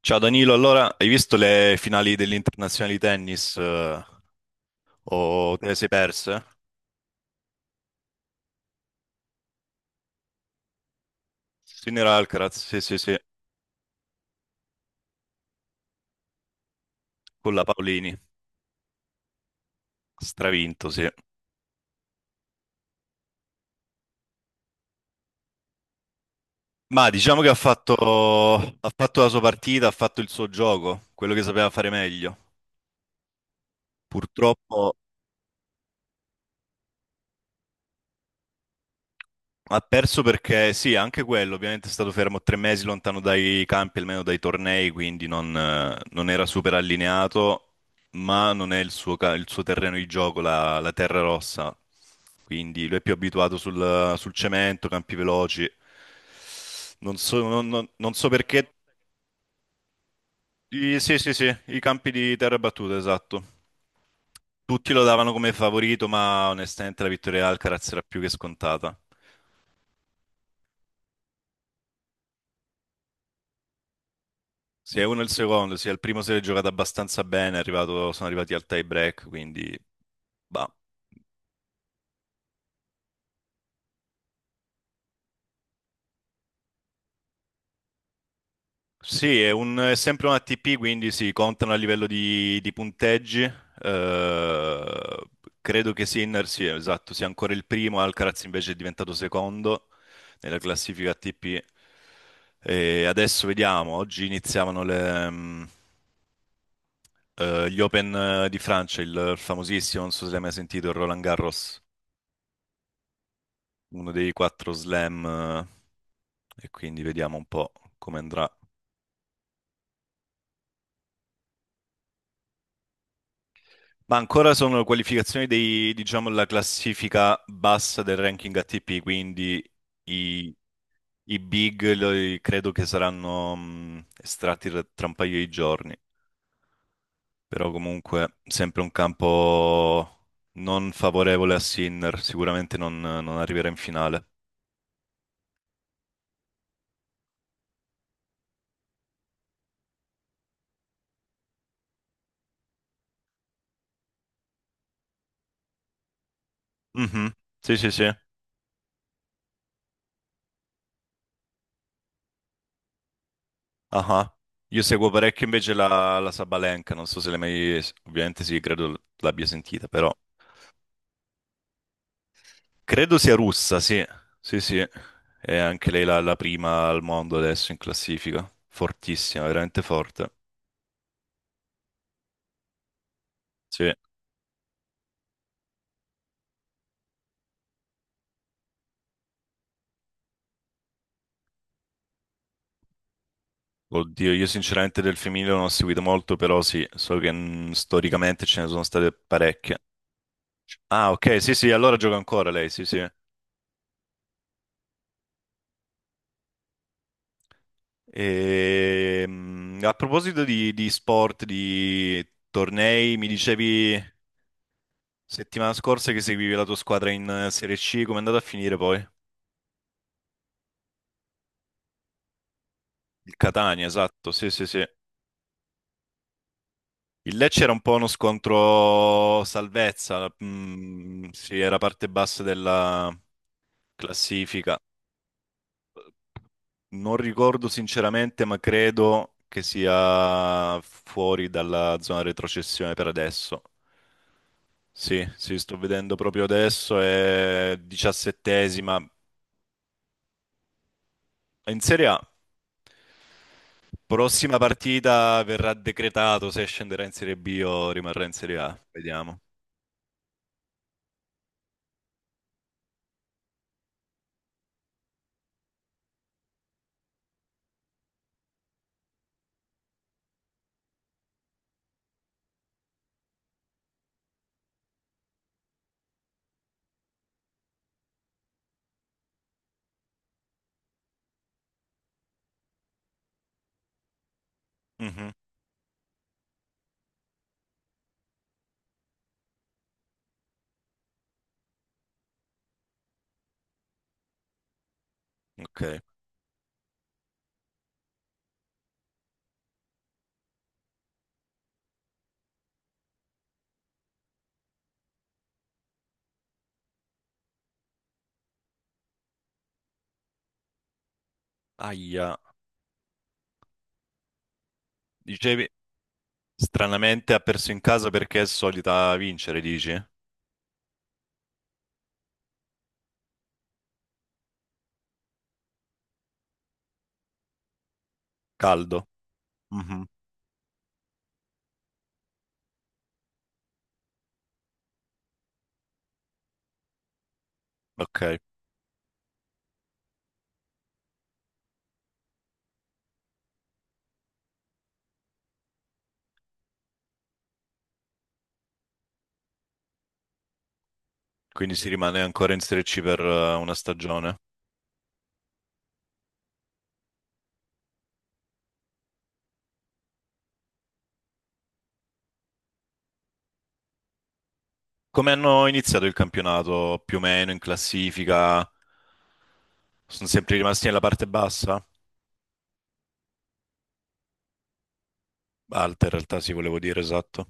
Ciao Danilo, allora hai visto le finali dell'internazionale di tennis o te le sei perse? Sinner Alcaraz, sì, sì, sì, con la Paolini, stravinto sì. Ma diciamo che ha fatto la sua partita, ha fatto il suo gioco, quello che sapeva fare meglio. Purtroppo ha perso perché sì, anche quello, ovviamente è stato fermo tre mesi lontano dai campi, almeno dai tornei, quindi non, non era super allineato, ma non è il il suo terreno di gioco, la terra rossa, quindi lui è più abituato sul cemento, campi veloci. Non so, non so perché. Sì, sì, sì, i campi di terra battuta, esatto. Tutti lo davano come favorito, ma onestamente la vittoria di Alcaraz era più che scontata. Sia uno il secondo, sia il primo si è giocato abbastanza bene, sono arrivati al tie break, quindi bah. Sì, è, è sempre un ATP, quindi si contano a livello di punteggi. Credo che Sinner, sì, esatto, sia ancora il primo, Alcaraz invece è diventato secondo nella classifica ATP. E adesso vediamo, oggi iniziavano gli Open di Francia, il famosissimo, non so se l'hai mai sentito, il Roland Garros. Uno dei quattro slam, e quindi vediamo un po' come andrà. Ma ancora sono qualificazioni dei, diciamo, la classifica bassa del ranking ATP, quindi i, i big, credo che saranno estratti tra un paio di giorni. Però comunque sempre un campo non favorevole a Sinner, sicuramente non, non arriverà in finale. Mhm. Sì, sì, sì. Ah, io seguo parecchio invece la Sabalenka, non so se l'hai mai. Ovviamente sì, credo l'abbia sentita, però credo sia russa, sì. Sì, sì. È anche lei la prima al mondo adesso in classifica. Fortissima, veramente forte. Sì. Oddio, io sinceramente del femminile non ho seguito molto, però sì, so che storicamente ce ne sono state parecchie. Ah, ok, sì, sì, allora gioca ancora lei, sì, sì. E, a proposito di sport, di tornei, mi dicevi settimana scorsa che seguivi la tua squadra in Serie C, come è andata a finire poi? Il Catania, esatto, sì, sì, sì. Il Lecce era un po' uno scontro salvezza, sì, era parte bassa della classifica. Non ricordo sinceramente, ma credo che sia fuori dalla zona retrocessione per adesso. Sì, sì, sto vedendo proprio adesso, è diciassettesima. È in Serie A, prossima partita verrà decretato se scenderà in Serie B o rimarrà in Serie A. Vediamo. Mhm, ok. Aia. Dicevi, stranamente ha perso in casa perché è solita vincere, dici? Caldo. Mhm, ok. Quindi si rimane ancora in Serie C per una stagione. Come hanno iniziato il campionato? Più o meno in classifica? Sono sempre rimasti nella parte bassa? Alta in realtà, sì, volevo dire, esatto.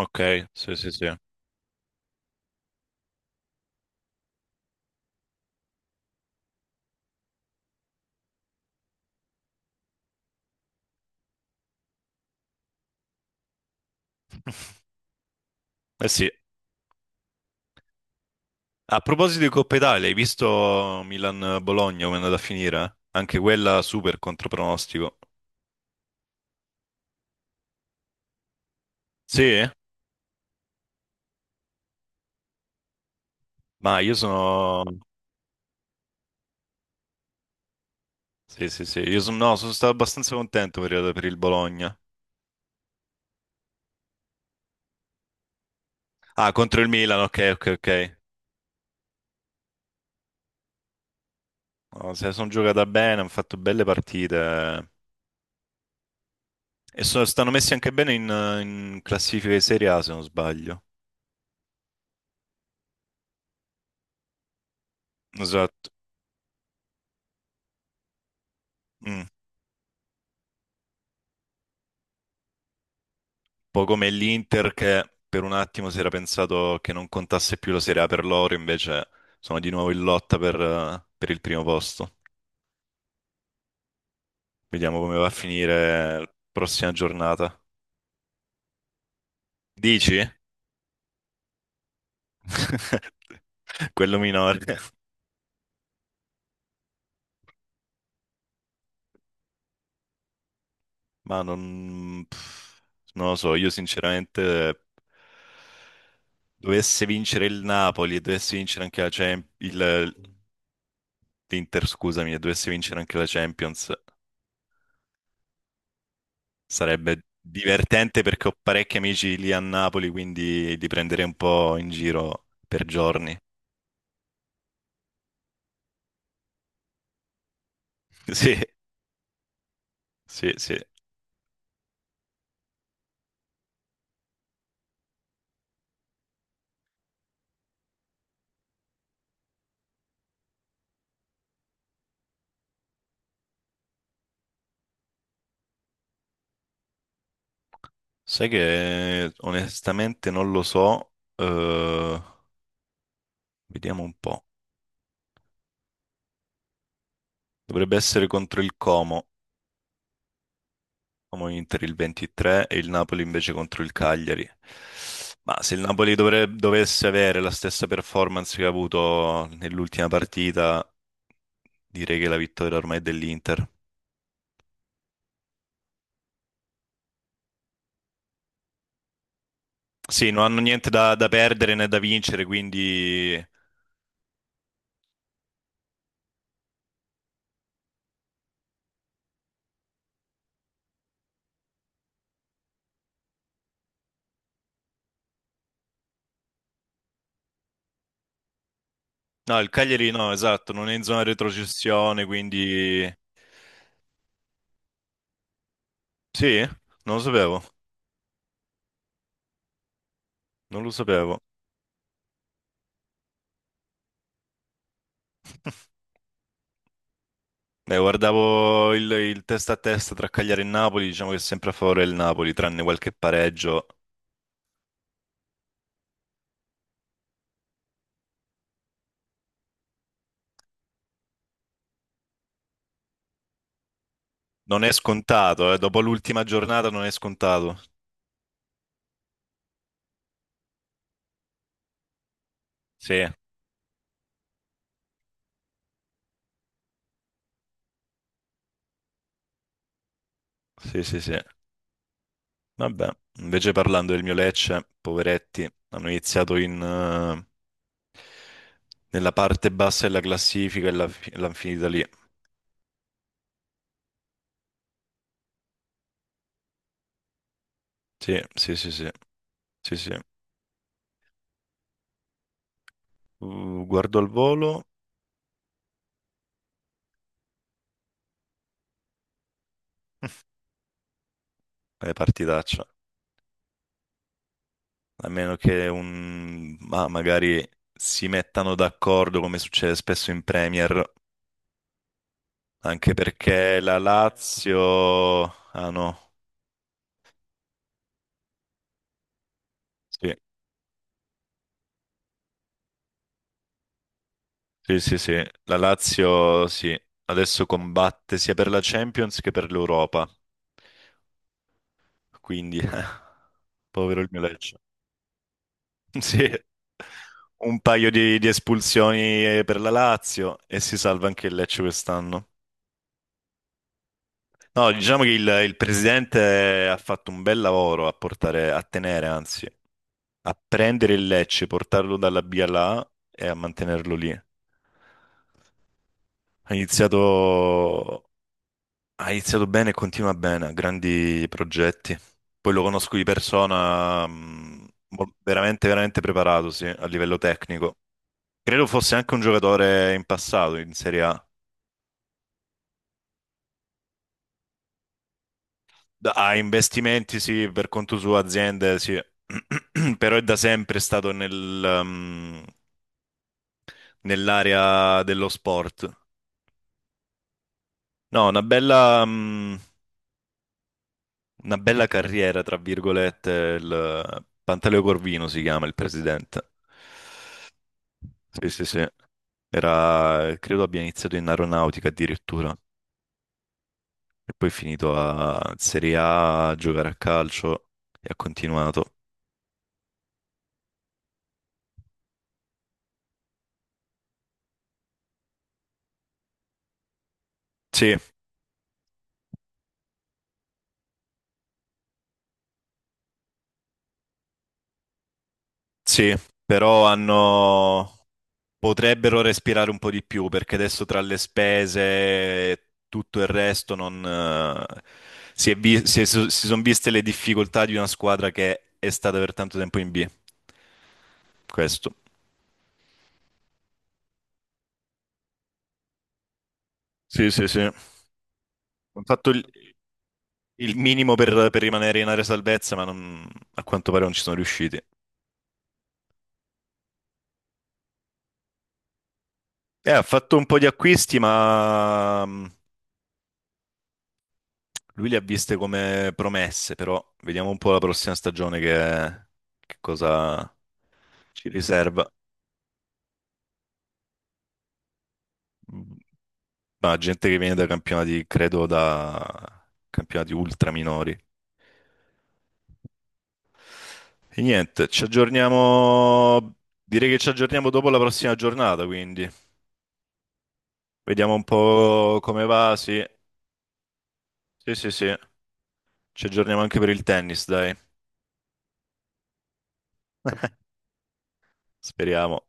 Ok, sì, sì, sì. Eh sì, a proposito di Coppa Italia, hai visto Milan-Bologna come è andata a finire? Anche quella super contropronostico. Sì? Ma io sono. Sì, sì, sì. Io sono. No, sono stato abbastanza contento per il Bologna. Ah, contro il Milan, ok, ok, ok. No, se la sono giocata bene, hanno fatto belle partite. E stanno messi anche bene in classifica di Serie A, se non sbaglio. Esatto. Mm. Po' come l'Inter che per un attimo si era pensato che non contasse più la Serie A per loro, invece sono di nuovo in lotta per il primo posto. Vediamo come va a finire la prossima giornata. Dici? Quello minore. Ma non, pff, non lo so, io sinceramente dovesse vincere il Napoli e dovesse vincere anche la Champions, l'Inter, scusami, e dovesse vincere anche la Champions. Sarebbe divertente perché ho parecchi amici lì a Napoli, quindi li prenderei un po' in giro per giorni. Sì, sì, sì. Sai che onestamente non lo so. Vediamo un po'. Dovrebbe essere contro il Como, Como Inter il 23 e il Napoli invece contro il Cagliari. Ma se il Napoli dovesse avere la stessa performance che ha avuto nell'ultima partita, direi che la vittoria ormai è dell'Inter. Sì, non hanno niente da perdere né da vincere, quindi no, il Cagliari no, esatto, non è in zona retrocessione, quindi sì, non lo sapevo, non lo sapevo. Guardavo il testa a testa tra Cagliari e Napoli, diciamo che è sempre a favore del Napoli, tranne qualche pareggio. Non è scontato, dopo l'ultima giornata non è scontato. Sì, sì, sì, sì. Vabbè, invece parlando del mio Lecce, poveretti, hanno iniziato in nella parte bassa della classifica e l'hanno finita lì. Sì, sì, sì, sì, sì, sì. Guardo al volo, è partitaccia. A meno che un, ma magari si mettano d'accordo come succede spesso in Premier, anche perché la Lazio. Ah no, sì, sì, sì, sì. La Lazio, sì, adesso combatte sia per la Champions che per l'Europa. Quindi, povero il mio Lecce. Sì, un paio di espulsioni per la Lazio e si salva anche il Lecce quest'anno. No, diciamo che il presidente ha fatto un bel lavoro a portare, a tenere, anzi, a prendere il Lecce, portarlo dalla B alla A e a mantenerlo lì. Iniziato, ha iniziato bene e continua bene, ha grandi progetti. Poi lo conosco di persona, veramente, veramente preparato, sì, a livello tecnico. Credo fosse anche un giocatore in passato in Serie A. A investimenti sì, per conto suo, aziende sì, però è da sempre stato nel, nell'area dello sport. No, una bella, una bella carriera, tra virgolette, il Pantaleo Corvino si chiama il presidente. Sì, sì, sì. Era, credo abbia iniziato in aeronautica addirittura e poi è finito a Serie A a giocare a calcio e ha continuato. Sì, sì, però hanno, potrebbero respirare un po' di più perché adesso tra le spese e tutto il resto non, si è so, si sono viste le difficoltà di una squadra che è stata per tanto tempo in B. Questo. Sì, sì, sì. Hanno fatto il minimo per rimanere in area salvezza, ma a quanto pare non ci sono riusciti. Ha fatto un po' di acquisti, ma lui li ha viste come promesse, però vediamo un po' la prossima stagione che cosa ci riserva. Ma gente che viene da campionati, credo da campionati ultra minori. E niente, ci aggiorniamo. Direi che ci aggiorniamo dopo la prossima giornata, quindi vediamo un po' come va. Sì, sì, sì, sì. Ci aggiorniamo anche per il tennis, dai. Speriamo.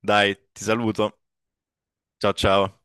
Dai, ti saluto. Ciao, ciao.